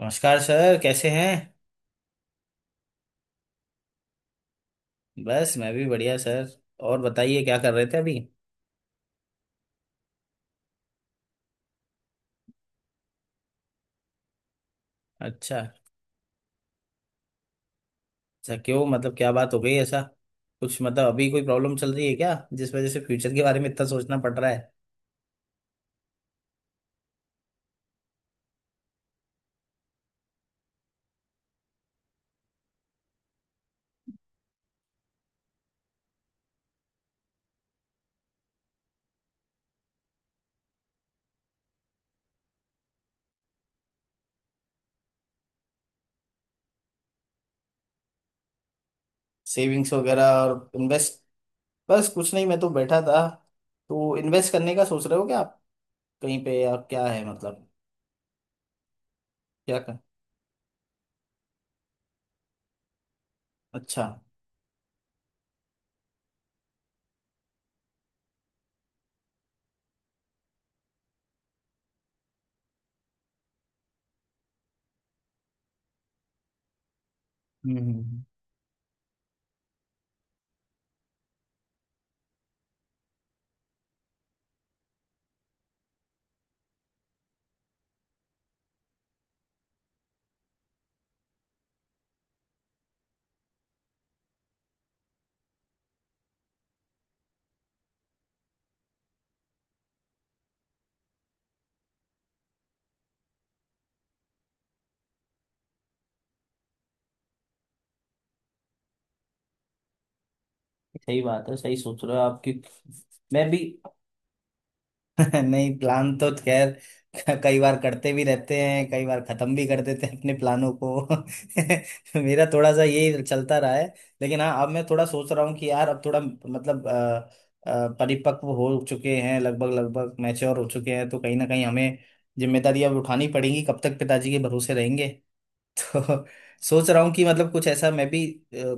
नमस्कार सर, कैसे हैं। बस मैं भी बढ़िया सर। और बताइए, क्या कर रहे थे अभी। अच्छा। अच्छा, क्यों मतलब क्या बात हो गई ऐसा? कुछ मतलब अभी कोई प्रॉब्लम चल रही है क्या, जिस वजह से फ्यूचर के बारे में इतना सोचना पड़ रहा है? सेविंग्स वगैरह और इन्वेस्ट। बस कुछ नहीं, मैं तो बैठा था। तो इन्वेस्ट करने का सोच रहे हो क्या आप? कहीं पे, या क्या है मतलब। क्या कर अच्छा। हम्म हम्म, हम्म। सही बात है, सही सोच रहे हो आपकी। मैं भी। नहीं, प्लान तो खैर कई बार करते भी रहते हैं, कई बार खत्म भी कर देते हैं अपने प्लानों को। मेरा थोड़ा सा यही चलता रहा है। लेकिन हाँ, अब मैं थोड़ा सोच रहा हूँ कि यार अब थोड़ा मतलब परिपक्व हो चुके हैं, लगभग लगभग मैच्योर हो चुके हैं, तो कहीं ना कहीं हमें जिम्मेदारियां अब उठानी पड़ेंगी, कब तक पिताजी के भरोसे रहेंगे। तो सोच रहा हूँ कि मतलब कुछ ऐसा मैं भी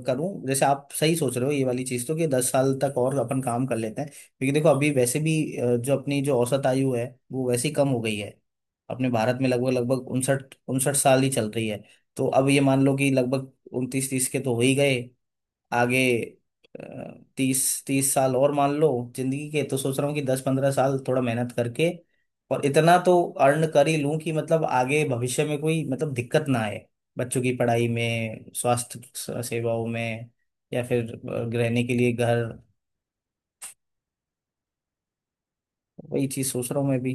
करूँ, जैसे आप सही सोच रहे हो ये वाली चीज़ तो, कि 10 साल तक और अपन काम कर लेते हैं, क्योंकि देखो अभी वैसे भी जो अपनी जो औसत आयु है वो वैसे ही कम हो गई है। अपने भारत में लगभग लगभग उनसठ उनसठ साल ही चल रही है। तो अब ये मान लो कि लगभग 29-30 के तो हो ही गए आगे। तीस तीस साल और मान लो जिंदगी के। तो सोच रहा हूँ कि 10-15 साल थोड़ा मेहनत करके और इतना तो अर्न कर ही लूं, कि मतलब आगे भविष्य में कोई मतलब दिक्कत ना, बच्चों की पढ़ाई में, स्वास्थ्य सेवाओं में, या फिर रहने के लिए घर। वही चीज़ सोच रहा हूँ मैं भी।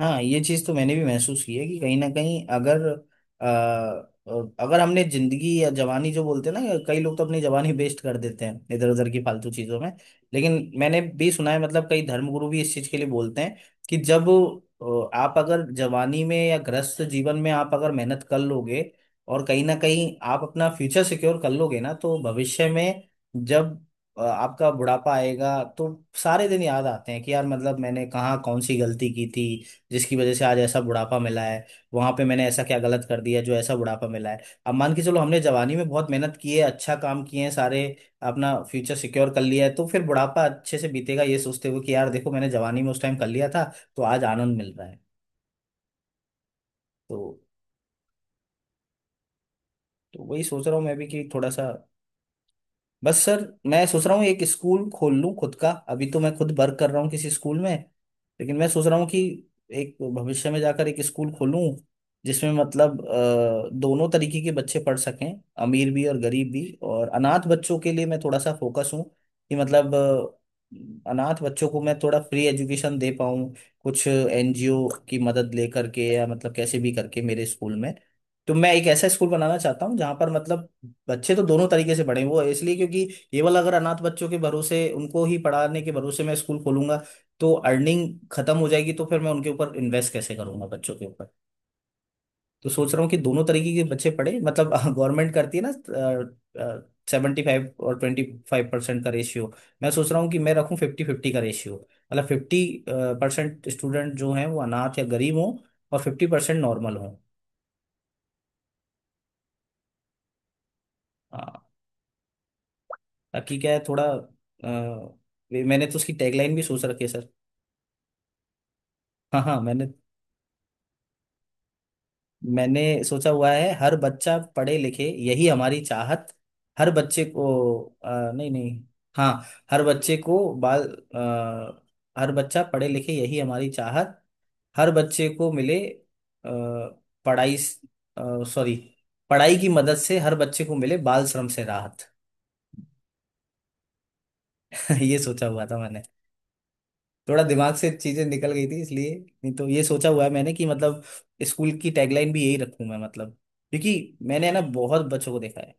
हाँ, ये चीज़ तो मैंने भी महसूस की है, कि कहीं ना कहीं अगर अ, अगर हमने जिंदगी या जवानी, जो बोलते हैं ना, कई लोग तो अपनी जवानी वेस्ट कर देते हैं इधर उधर की फालतू चीज़ों में। लेकिन मैंने भी सुना है, मतलब कई धर्मगुरु भी इस चीज़ के लिए बोलते हैं, कि जब आप अगर जवानी में या ग्रस्त जीवन में आप अगर मेहनत कर लोगे और कहीं ना कहीं आप अपना फ्यूचर सिक्योर कर लोगे ना, तो भविष्य में जब आपका बुढ़ापा आएगा तो सारे दिन याद आते हैं कि यार मतलब मैंने कहाँ कौन सी गलती की थी, जिसकी वजह से आज ऐसा बुढ़ापा मिला है। वहां पे मैंने ऐसा क्या गलत कर दिया जो ऐसा बुढ़ापा मिला है। अब मान के चलो हमने जवानी में बहुत मेहनत की है, अच्छा काम किए हैं सारे, अपना फ्यूचर सिक्योर कर लिया है, तो फिर बुढ़ापा अच्छे से बीतेगा ये सोचते हुए कि यार देखो मैंने जवानी में उस टाइम कर लिया था, तो आज आनंद मिल रहा है। तो, तो वही सोच रहा हूँ मैं भी, कि थोड़ा सा बस सर, मैं सोच रहा हूँ एक स्कूल खोल लूँ खुद का। अभी तो मैं खुद वर्क कर रहा हूँ किसी स्कूल में, लेकिन मैं सोच रहा हूँ कि एक भविष्य में जाकर एक स्कूल खोलूँ, जिसमें मतलब दोनों तरीके के बच्चे पढ़ सकें, अमीर भी और गरीब भी। और अनाथ बच्चों के लिए मैं थोड़ा सा फोकस हूँ, कि मतलब अनाथ बच्चों को मैं थोड़ा फ्री एजुकेशन दे पाऊँ, कुछ एनजीओ की मदद ले करके, या मतलब कैसे भी करके मेरे स्कूल में। तो मैं एक ऐसा स्कूल बनाना चाहता हूँ जहाँ पर मतलब बच्चे तो दोनों तरीके से पढ़े। वो इसलिए क्योंकि ये वाला अगर अनाथ बच्चों के भरोसे, उनको ही पढ़ाने के भरोसे मैं स्कूल खोलूंगा, तो अर्निंग खत्म हो जाएगी, तो फिर मैं उनके ऊपर इन्वेस्ट कैसे करूंगा, बच्चों के ऊपर। तो सोच रहा हूँ कि दोनों तरीके के बच्चे पढ़े, मतलब गवर्नमेंट करती है ना 75 और 25% का रेशियो। मैं सोच रहा हूँ कि मैं रखूँ 50-50 का रेशियो, मतलब 50% स्टूडेंट जो हैं वो अनाथ या गरीब हों और 50% नॉर्मल हों। हाँ, ताकि क्या है थोड़ा मैंने तो उसकी टैगलाइन भी सोच रखी है सर। हाँ हाँ, मैंने मैंने सोचा हुआ है, हर बच्चा पढ़े लिखे यही हमारी चाहत। हर बच्चे को नहीं नहीं। हाँ, हर बच्चे को बाल अ, हर बच्चा पढ़े लिखे यही हमारी चाहत, हर बच्चे को मिले पढ़ाई सॉरी पढ़ाई की मदद से हर बच्चे को मिले बाल श्रम से राहत। ये सोचा हुआ था, थोड़ा दिमाग से चीजें निकल गई थी इसलिए। नहीं तो ये सोचा हुआ है मैंने, कि मतलब स्कूल की टैगलाइन भी यही रखूं मैं, मतलब क्योंकि मैंने, है ना, बहुत बच्चों को देखा है।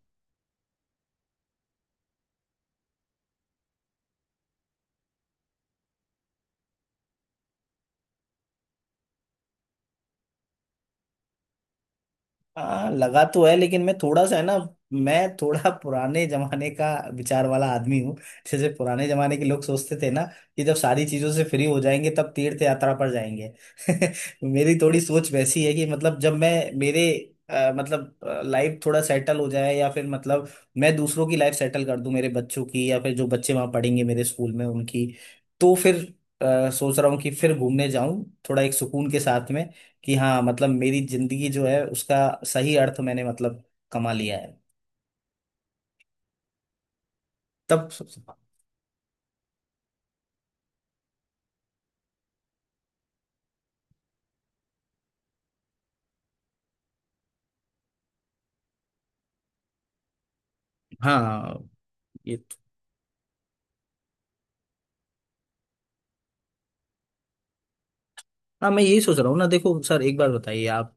हाँ लगा तो है, लेकिन मैं थोड़ा सा, है ना, मैं थोड़ा पुराने जमाने का विचार वाला आदमी हूँ। जैसे पुराने जमाने के लोग सोचते थे ना, कि जब सारी चीजों से फ्री हो जाएंगे तब तीर्थ यात्रा पर जाएंगे। मेरी थोड़ी सोच वैसी है, कि मतलब जब मैं मेरे मतलब लाइफ थोड़ा सेटल हो जाए, या फिर मतलब मैं दूसरों की लाइफ सेटल कर दूं, मेरे बच्चों की या फिर जो बच्चे वहां पढ़ेंगे मेरे स्कूल में उनकी, तो फिर सोच रहा हूँ कि फिर घूमने जाऊं, थोड़ा एक सुकून के साथ में, कि हाँ मतलब मेरी जिंदगी जो है उसका सही अर्थ मैंने मतलब कमा लिया है तब। हाँ ये तो- हाँ, मैं यही सोच रहा हूँ ना। देखो सर, एक बार बताइए आप,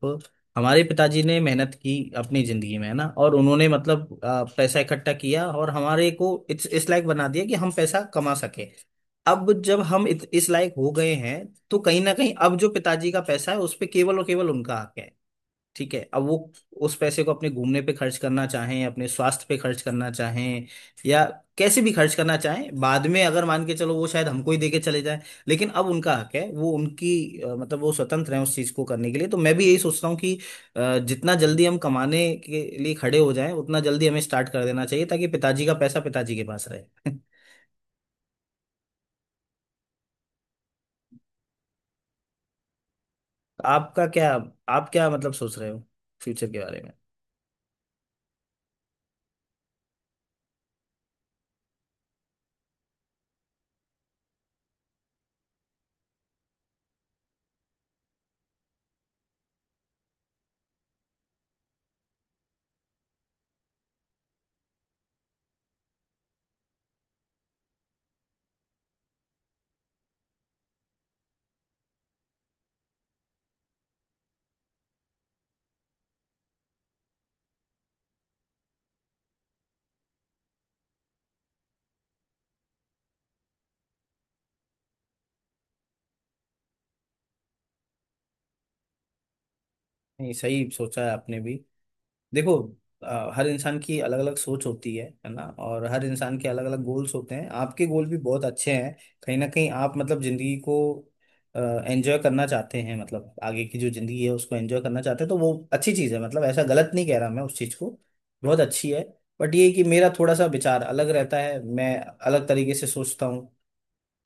हमारे पिताजी ने मेहनत की अपनी जिंदगी में, है ना, और उन्होंने मतलब पैसा इकट्ठा किया और हमारे को इस लायक बना दिया कि हम पैसा कमा सके। अब जब हम इस लायक हो गए हैं, तो कहीं ना कहीं अब जो पिताजी का पैसा है, उस पे केवल और केवल उनका हक है। ठीक है, अब वो उस पैसे को अपने घूमने पे खर्च करना चाहें, अपने स्वास्थ्य पे खर्च करना चाहें, या कैसे भी खर्च करना चाहें, बाद में अगर मान के चलो वो शायद हमको ही देके चले जाए, लेकिन अब उनका हक है, वो उनकी मतलब वो स्वतंत्र है उस चीज को करने के लिए। तो मैं भी यही सोच रहा हूँ कि जितना जल्दी हम कमाने के लिए खड़े हो जाएं उतना जल्दी हमें स्टार्ट कर देना चाहिए, ताकि पिताजी का पैसा पिताजी के पास रहे। आपका क्या, आप क्या मतलब सोच रहे हो फ्यूचर के बारे में? नहीं, सही सोचा है आपने भी। देखो हर इंसान की अलग अलग सोच होती है ना, और हर इंसान के अलग अलग गोल्स होते हैं। आपके गोल भी बहुत अच्छे हैं, कहीं ना कहीं आप मतलब जिंदगी को एंजॉय करना चाहते हैं, मतलब आगे की जो जिंदगी है उसको एंजॉय करना चाहते हैं, तो वो अच्छी चीज़ है, मतलब ऐसा गलत नहीं कह रहा मैं उस चीज़ को, बहुत अच्छी है। बट ये है कि मेरा थोड़ा सा विचार अलग रहता है, मैं अलग तरीके से सोचता हूँ।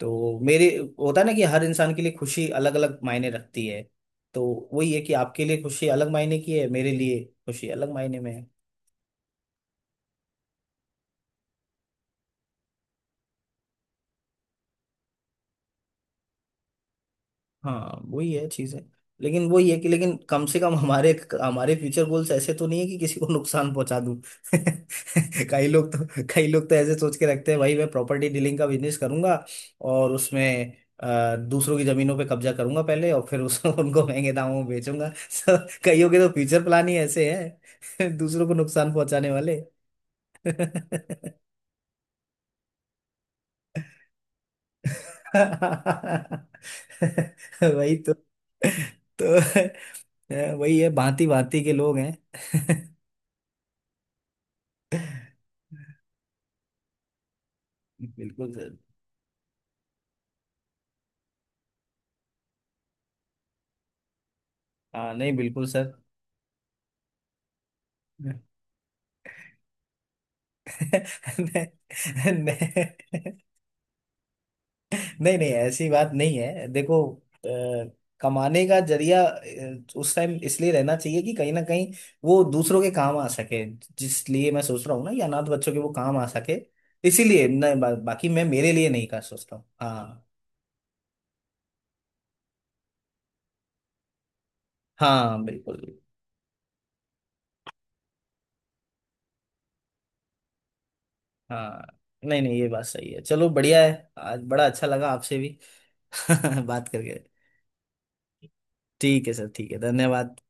तो मेरे, होता है ना कि हर इंसान के लिए खुशी अलग अलग मायने रखती है, तो वही है कि आपके लिए खुशी अलग मायने की है, मेरे लिए खुशी अलग मायने में है। हाँ वही है चीजें, लेकिन वही है कि, लेकिन कम से कम हमारे हमारे फ्यूचर गोल्स ऐसे तो नहीं है कि किसी को नुकसान पहुंचा दूं। कई लोग तो ऐसे सोच के रखते हैं, भाई मैं प्रॉपर्टी डीलिंग का बिजनेस करूंगा और उसमें दूसरों की जमीनों पे कब्जा करूंगा पहले और फिर उस उनको महंगे दामों में बेचूंगा। So, कईयों के तो फ्यूचर प्लान ही ऐसे हैं दूसरों को नुकसान पहुंचाने वाले। वही तो वही है, भांति भांति के लोग हैं। बिल्कुल सर। हाँ, नहीं बिल्कुल सर। नहीं, नहीं नहीं ऐसी बात नहीं है। देखो अ, कमाने का जरिया उस टाइम इसलिए रहना चाहिए कि कहीं ना कहीं वो दूसरों के काम आ सके, जिसलिए मैं सोच रहा हूँ ना कि अनाथ बच्चों के वो काम आ सके, इसीलिए, नहीं बाकी मैं मेरे लिए नहीं कर सोचता हूँ, हाँ। हाँ बिल्कुल। हाँ नहीं नहीं, ये बात सही है, चलो बढ़िया है। आज बड़ा अच्छा लगा आपसे भी बात करके। ठीक है सर, ठीक है, धन्यवाद।